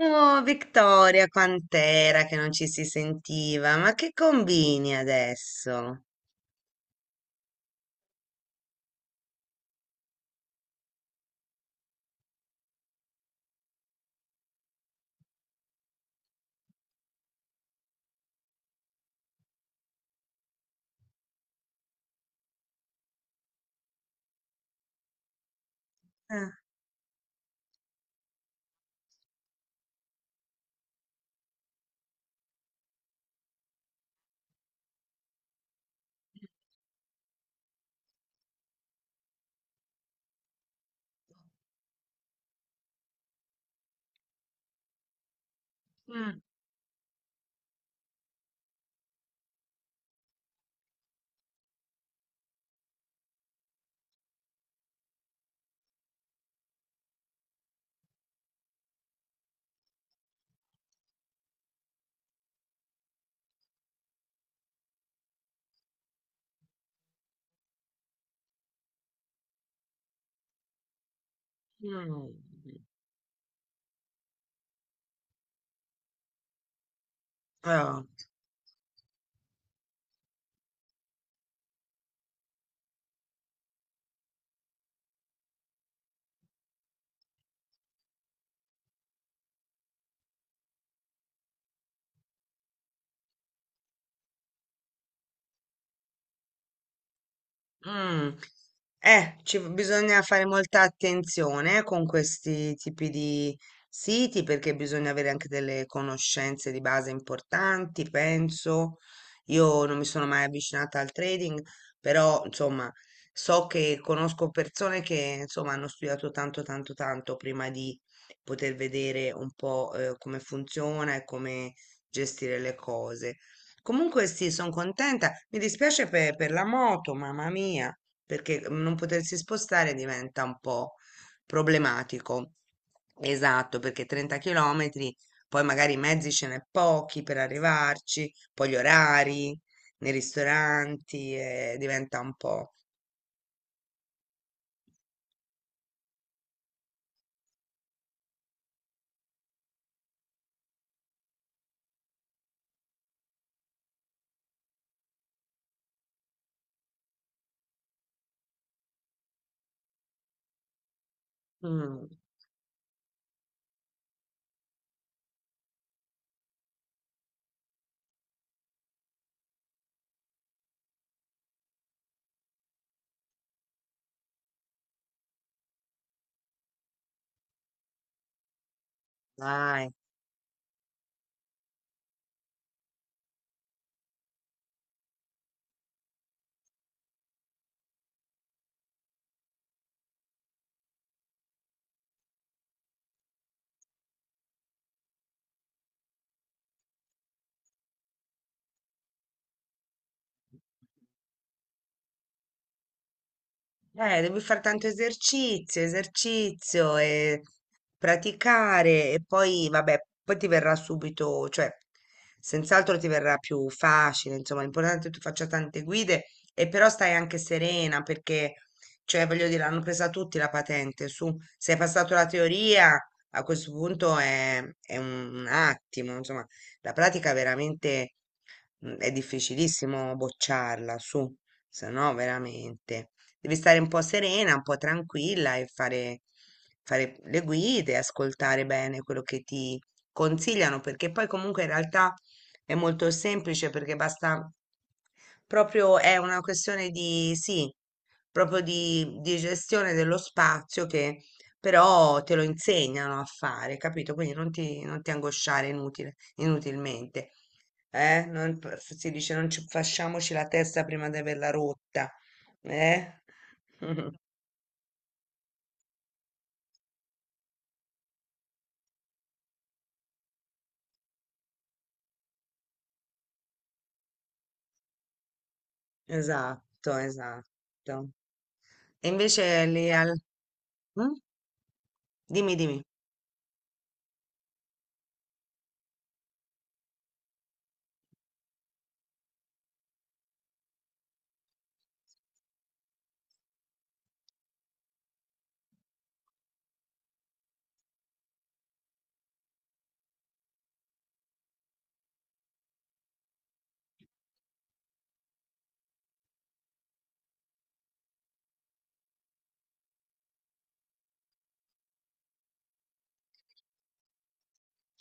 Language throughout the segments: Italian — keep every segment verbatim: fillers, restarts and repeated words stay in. Oh, Vittoria, quant'era che non ci si sentiva? Ma che combini adesso? Eh. Mm, mm. Oh. Mm. Eh, ci v- bisogna fare molta attenzione eh, con questi tipi di siti perché bisogna avere anche delle conoscenze di base importanti, penso. Io non mi sono mai avvicinata al trading, però insomma so che conosco persone che insomma hanno studiato tanto tanto tanto prima di poter vedere un po' eh, come funziona e come gestire le cose. Comunque sì, sono contenta. Mi dispiace per, per la moto, mamma mia, perché mhmm, non potersi spostare diventa un po' problematico. Esatto, perché trenta chilometri, poi magari i mezzi ce n'è pochi per arrivarci, poi gli orari nei ristoranti, eh, diventa un po'. Mm, dai. Eh, devi fare tanto esercizio, esercizio e praticare e poi, vabbè, poi ti verrà subito, cioè, senz'altro ti verrà più facile, insomma, l'importante è che tu faccia tante guide e però stai anche serena perché, cioè, voglio dire, hanno presa tutti la patente, su, se hai passato la teoria, a questo punto è, è un attimo, insomma, la pratica veramente mm, è difficilissimo bocciarla, su, se no veramente devi stare un po' serena, un po' tranquilla e fare, fare le guide, ascoltare bene quello che ti consigliano, perché poi comunque in realtà è molto semplice perché basta proprio è una questione di sì, proprio di, di gestione dello spazio che però te lo insegnano a fare, capito? Quindi non ti, non ti angosciare inutile, inutilmente. Eh? Non, si dice non ci, facciamoci la testa prima di averla rotta. Eh? Esatto, esatto. E invece lì al... Mm? Dimmi, dimmi.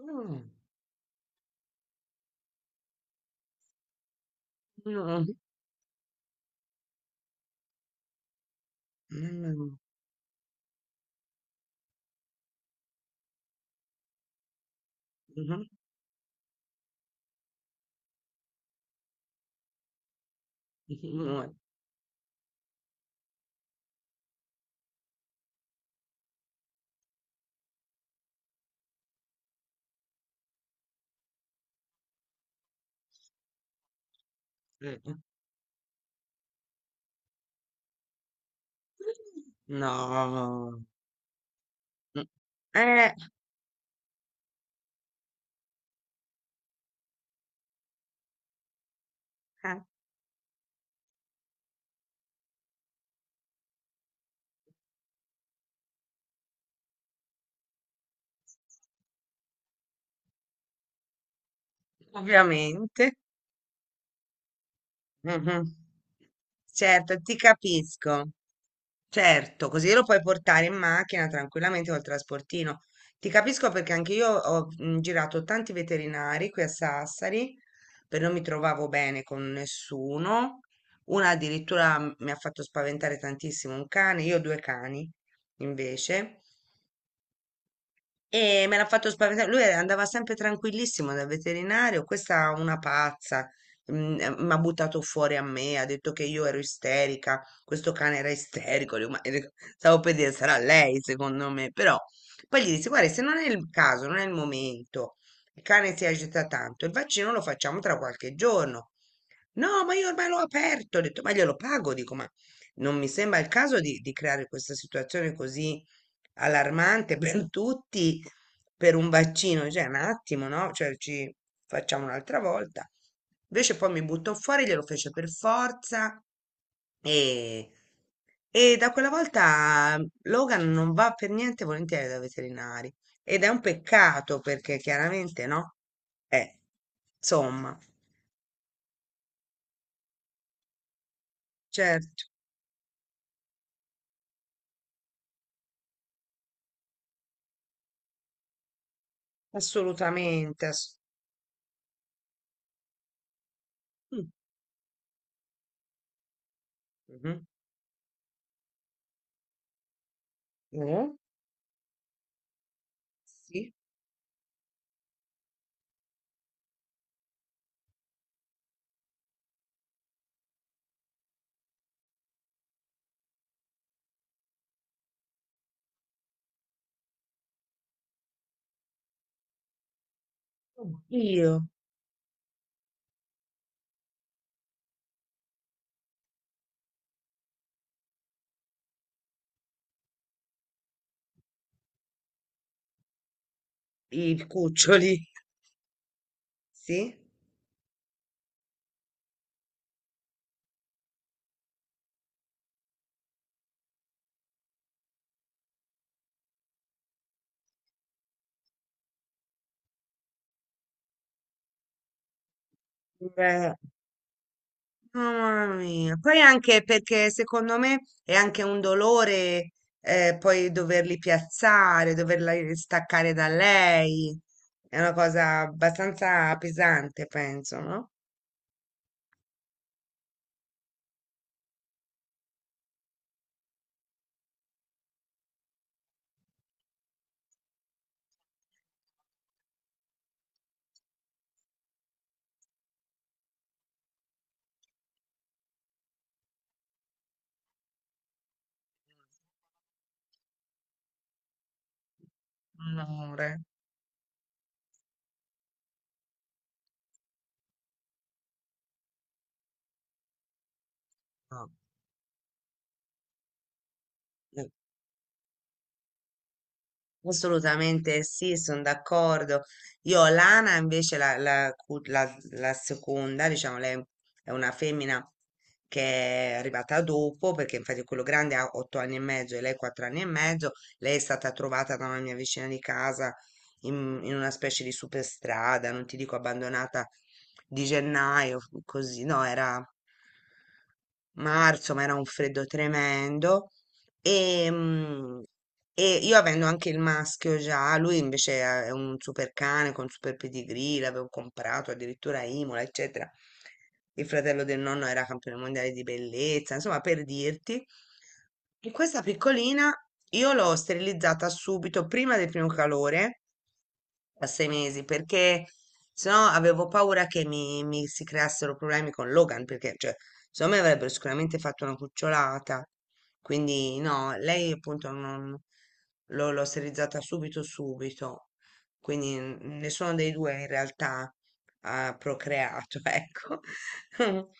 Mm, mm, mm, mhm, mhm, eh, No. Eh, eh, ovviamente. Mhm. Certo, ti capisco. Certo, così lo puoi portare in macchina tranquillamente col trasportino. Ti capisco perché anche io ho mm, girato tanti veterinari qui a Sassari, per non mi trovavo bene con nessuno. Una addirittura m- mi ha fatto spaventare tantissimo un cane, io ho due cani invece. E me l'ha fatto spaventare. Lui andava sempre tranquillissimo dal veterinario. Questa è una pazza. mm, eh, Mi ha buttato fuori a me, ha detto che io ero isterica. Questo cane era isterico. Dico, "Ma- eh, Stavo per dire, sarà lei, secondo me. Però poi gli disse: Guarda, se non è il caso, non è il momento. Il cane si agita tanto. Il vaccino lo facciamo tra qualche giorno. No, ma io ormai l'ho aperto. Ho detto, ma glielo pago. Dico, ma non mi sembra il caso di, di creare questa situazione così allarmante per tutti per un vaccino, cioè un attimo, no? Cioè ci facciamo un'altra volta. Invece poi mi buttò fuori, glielo fece per forza e, e da quella volta Logan non va per niente volentieri da veterinari ed è un peccato perché chiaramente no? Eh, insomma, certo, assolutamente. ass- Mm, mhm, eh, Sì, io i cuccioli, sì. Beh, no, mamma mia. Poi anche perché secondo me è anche un dolore eh, poi doverli piazzare, doverla staccare da lei. È una cosa abbastanza pesante, penso, no? Un amore. No. Eh. Assolutamente sì, sono d'accordo. Io Lana invece la, la cu- la- la seconda, diciamo, lei è una femmina che è arrivata dopo, perché infatti quello grande ha otto anni e mezzo e lei quattro anni e mezzo. Lei è stata trovata da una mia vicina di casa in, in una specie di superstrada, non ti dico abbandonata di gennaio, così, no, era marzo, ma era un freddo tremendo. E, mm, e io avendo anche il maschio già, lui invece è un super cane con super pedigree, l'avevo comprato addirittura a Imola, eccetera. Il fratello del nonno era campione mondiale di bellezza, insomma, per dirti. E questa piccolina io l'ho sterilizzata subito prima del primo calore a sei mesi perché sennò avevo paura che mi, mi si creassero problemi con Logan perché cioè secondo me avrebbero sicuramente fatto una cucciolata quindi no lei appunto non l'ho l'ho sterilizzata subito subito quindi n- nessuno dei due in realtà ha procreato ecco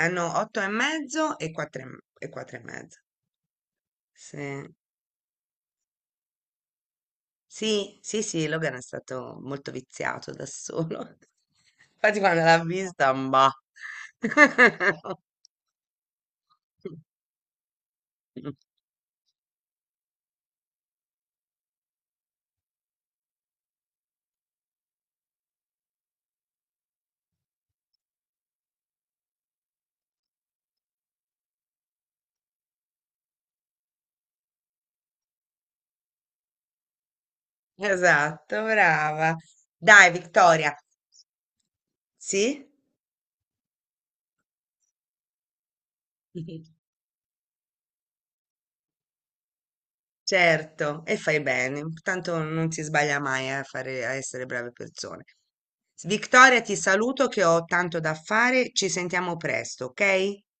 hanno otto e mezzo e quattro e, m- e quattro e mezzo sì. Sì, sì, sì, Logan è stato molto viziato da solo. Infatti quando l'ha vista, bah. Esatto, brava. Dai, Vittoria. Sì? Certo, e fai bene. Tanto non si sbaglia mai eh, a fare, a essere brave persone. Vittoria, ti saluto che ho tanto da fare. Ci sentiamo presto, ok?